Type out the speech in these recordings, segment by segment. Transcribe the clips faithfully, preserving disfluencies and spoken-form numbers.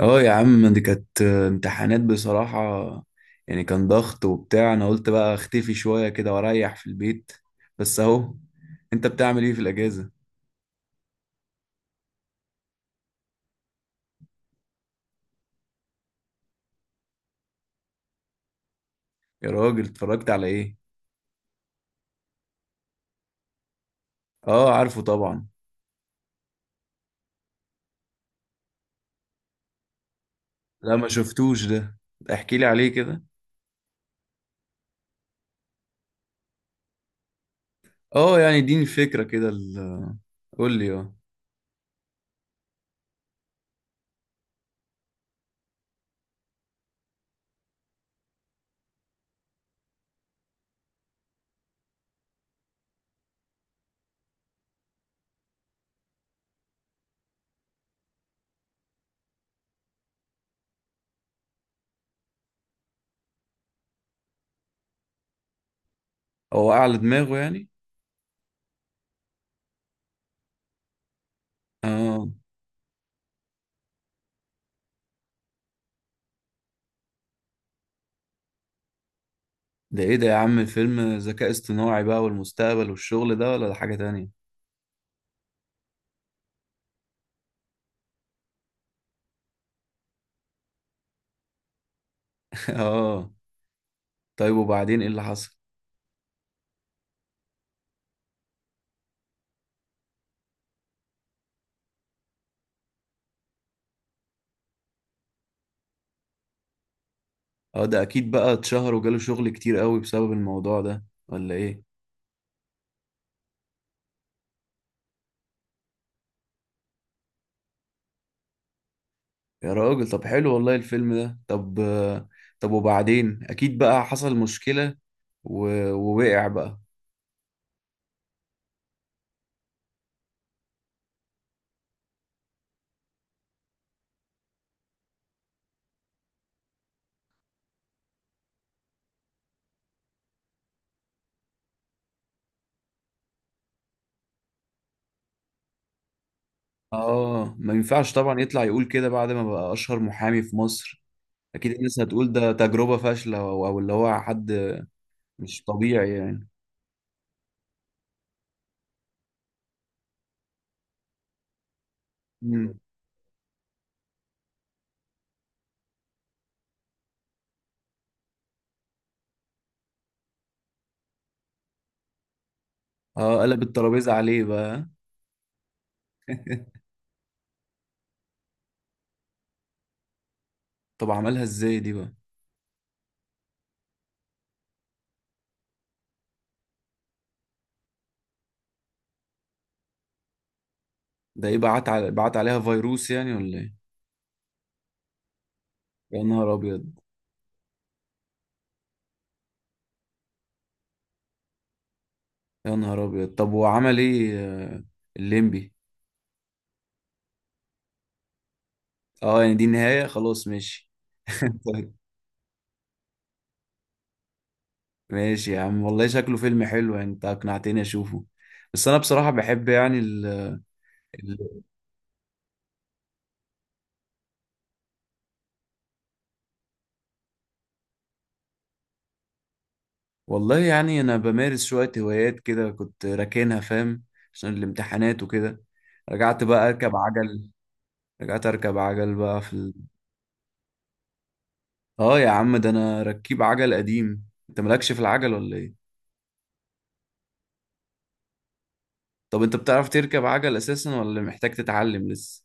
اه يا عم، دي كانت امتحانات بصراحة. يعني كان ضغط وبتاع، انا قلت بقى اختفي شوية كده واريح في البيت. بس اهو. انت بتعمل ايه في الاجازة؟ يا راجل، اتفرجت على ايه؟ اه، عارفه طبعا. لا، ما شفتوش ده. احكي لي عليه كده. اه يعني اديني فكرة كده ال- قول لي اه. هو اعلى دماغه يعني؟ اه، ده ايه ده يا عم؟ فيلم ذكاء اصطناعي بقى والمستقبل والشغل ده ولا ده حاجة تانية؟ اه. طيب وبعدين ايه اللي حصل؟ اه، ده اكيد بقى اتشهر وجاله شغل كتير قوي بسبب الموضوع ده ولا ايه؟ يا راجل طب حلو والله الفيلم ده. طب آه، طب وبعدين اكيد بقى حصل مشكلة و... ووقع بقى. اه، ما ينفعش طبعا يطلع يقول كده بعد ما بقى اشهر محامي في مصر. اكيد الناس هتقول ده تجربة فاشلة او أو اللي هو حد مش طبيعي يعني. مم. اه، قلب الترابيزة عليه بقى. طب عملها ازاي دي بقى؟ ده ايه، بعت على... بعت عليها فيروس يعني ولا ايه؟ يا نهار ابيض. يا نهار ابيض، طب وعمل ايه آه، الليمبي؟ اه يعني دي النهاية خلاص، ماشي. طيب. ماشي يا عم، والله شكله فيلم حلو، يعني انت اقنعتني اشوفه. بس انا بصراحة بحب يعني ال... ال... والله يعني انا بمارس شوية هوايات كده كنت راكنها فاهم، عشان الامتحانات وكده. رجعت بقى اركب عجل. رجعت اركب عجل بقى في ال... اه يا عم، ده انا ركيب عجل قديم. انت مالكش في العجل ولا ايه؟ طب انت بتعرف تركب عجل اساسا ولا محتاج تتعلم لسه؟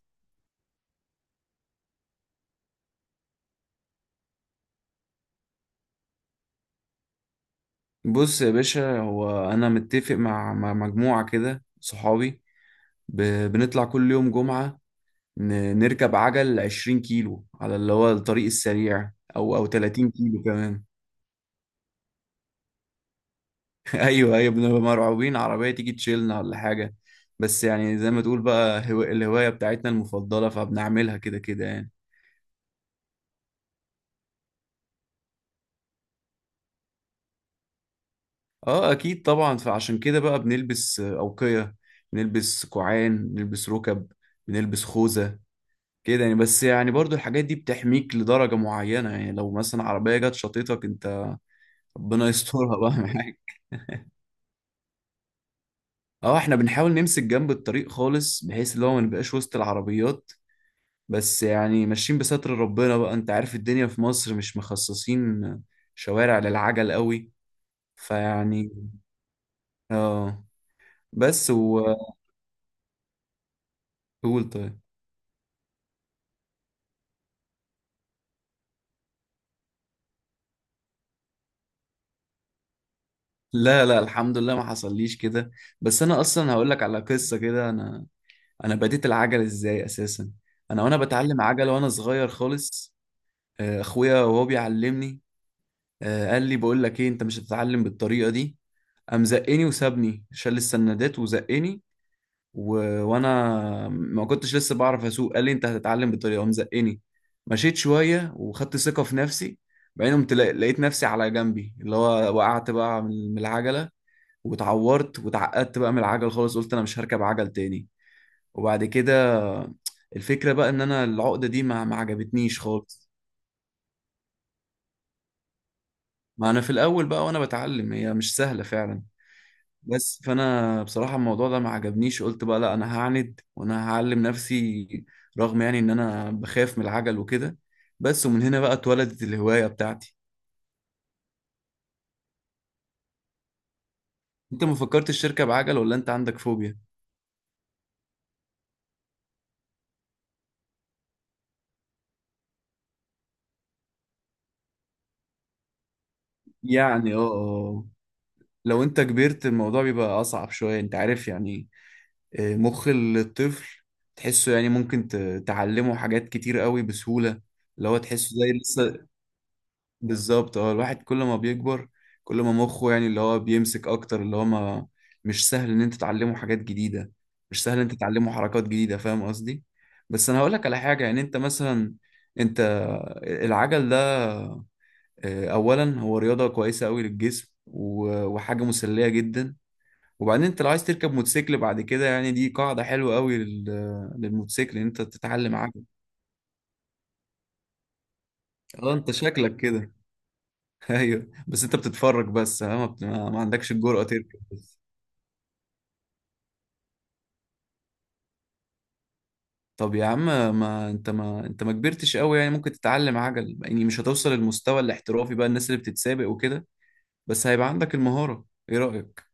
بص يا باشا، هو انا متفق مع مع مجموعه كده صحابي. ب... بنطلع كل يوم جمعه، ن... نركب عجل 20 كيلو على اللي هو الطريق السريع او او 30 كيلو كمان. ايوه ايوه، بنبقى مرعوبين عربيه تيجي تشيلنا ولا حاجه. بس يعني زي ما تقول بقى هو... الهوايه بتاعتنا المفضله، فبنعملها كده كده يعني. اه اكيد طبعا، فعشان كده بقى بنلبس اوقيه، نلبس كوعان، نلبس ركب، بنلبس خوذه كده يعني. بس يعني برضو الحاجات دي بتحميك لدرجة معينة. يعني لو مثلا عربية جت شاطتك انت، ربنا يسترها بقى معاك. اه، احنا بنحاول نمسك جنب الطريق خالص، بحيث اللي هو ما نبقاش وسط العربيات. بس يعني ماشيين بستر ربنا بقى. انت عارف، الدنيا في مصر مش مخصصين شوارع للعجل قوي، فيعني. اه. بس وقول. طيب. لا لا، الحمد لله ما حصليش كده. بس انا اصلا هقول لك على قصة كده. انا، انا بديت العجل ازاي اساسا. انا وانا بتعلم عجل وانا صغير خالص، آه، اخويا وهو بيعلمني، آه، قال لي بقول لك ايه، انت مش هتتعلم بالطريقه دي. قام زقني وسابني، شال السندات وزقني و... وانا ما كنتش لسه بعرف اسوق. قال لي انت هتتعلم بالطريقه، قام زقني. مشيت شويه وخدت ثقه في نفسي. بعدين قمت لا- لقيت نفسي على جنبي، اللي هو وقعت بقى من من العجله، واتعورت واتعقدت بقى من العجل خالص. قلت انا مش هركب عجل تاني. وبعد كده، الفكرة بقى ان انا العقدة دي ما ما عجبتنيش خالص. ما انا في الاول بقى وانا بتعلم هي مش سهلة فعلا. بس فانا بصراحة الموضوع ده ما عجبنيش، قلت بقى لا انا هعند وانا هعلم نفسي، رغم يعني ان انا بخاف من العجل وكده. بس ومن هنا بقى اتولدت الهواية بتاعتي. انت ما فكرتش تركب بعجل ولا انت عندك فوبيا؟ يعني اه آه. لو انت كبرت الموضوع بيبقى اصعب شوية، انت عارف يعني. آه، مخ الطفل تحسه يعني ممكن ت- تعلمه حاجات كتير قوي بسهولة، اللي هو تحسه زي لسه. بالظبط اه. الواحد كل ما بيكبر، كل ما مخه يعني اللي هو بيمسك اكتر، اللي هو ما مش سهل ان انت تعلمه حاجات جديدة. مش سهل ان انت تعلمه حركات جديدة، فاهم قصدي؟ بس انا هقول لك على حاجة. يعني انت مثلا، انت العجل ده آه، اولا هو رياضة كويسة قوي للجسم، و- وحاجة مسلية جدا. وبعدين انت لو عايز تركب موتوسيكل بعد كده، يعني دي قاعدة حلوة قوي لل... للموتوسيكل ان انت تتعلم عجل. اه، انت شكلك كده. ايوه، بس انت بتتفرج بس، ها؟ ما, بت... ما ما عندكش الجرأة تركب بس. طب يا عم، ما انت ما انت ما كبرتش قوي يعني. ممكن تتعلم عجل يعني، مش هتوصل للمستوى الاحترافي بقى، الناس اللي بتتسابق وكده، بس هيبقى عندك المهارة. ايه رأيك؟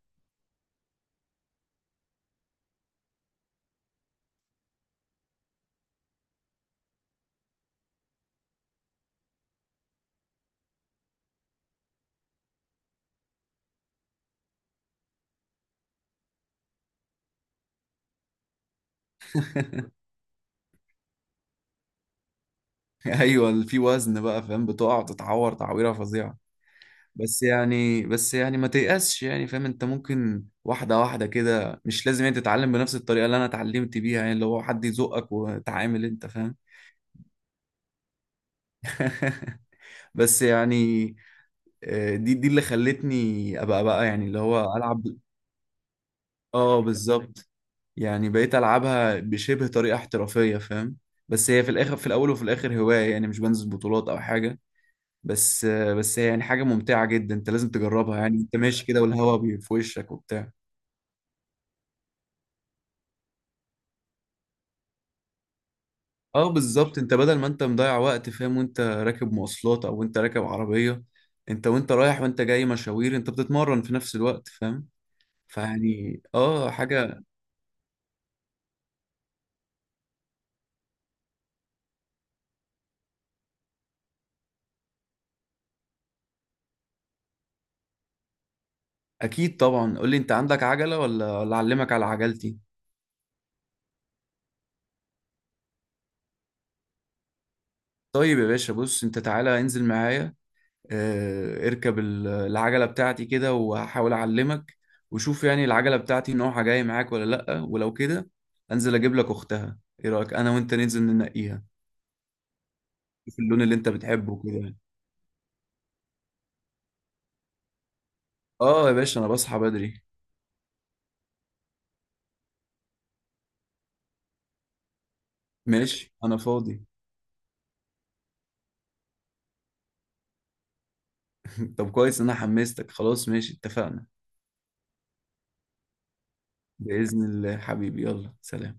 ايوه في وزن بقى، فاهم، بتقع تتعور تعويرة فظيعة. بس يعني بس يعني ما تيأسش يعني، فاهم؟ انت ممكن واحدة واحدة كده، مش لازم انت تتعلم بنفس الطريقة اللي انا اتعلمت بيها، يعني اللي هو حد يزقك وتعامل انت، فاهم؟ بس يعني، آه، دي دي اللي خلتني ابقى بقى يعني اللي هو العب. اه بالظبط. يعني بقيت العبها بشبه طريقة احترافية، فاهم. بس هي في الاخر، في الاول وفي الاخر هواية يعني، مش بنزل بطولات او حاجة. بس آه، بس هي يعني حاجة ممتعة جدا، انت لازم تجربها. يعني انت ماشي كده والهوا بي- في وشك وبتاع. اه بالظبط. انت بدل ما انت مضيع وقت فاهم، وانت راكب مواصلات او انت راكب عربية، انت وانت رايح وانت جاي مشاوير، انت بتتمرن في نفس الوقت، فاهم؟ فيعني اه حاجة. اكيد طبعا، قول لي انت عندك عجلة ولا ولا اعلمك على عجلتي. طيب يا باشا، بص انت تعالى انزل معايا، اه اركب ال- العجلة بتاعتي كده، وهحاول اعلمك، وشوف يعني العجلة بتاعتي نوعها جاي معاك ولا لأ. ولو كده انزل اجيب لك اختها. ايه رأيك انا وانت ننزل ننقيها، شوف اللون اللي انت بتحبه كده. اه يا باشا انا بصحى بدري. ماشي انا فاضي. طب كويس إن انا حمستك. خلاص، ماشي اتفقنا. بإذن الله حبيبي، يلا سلام.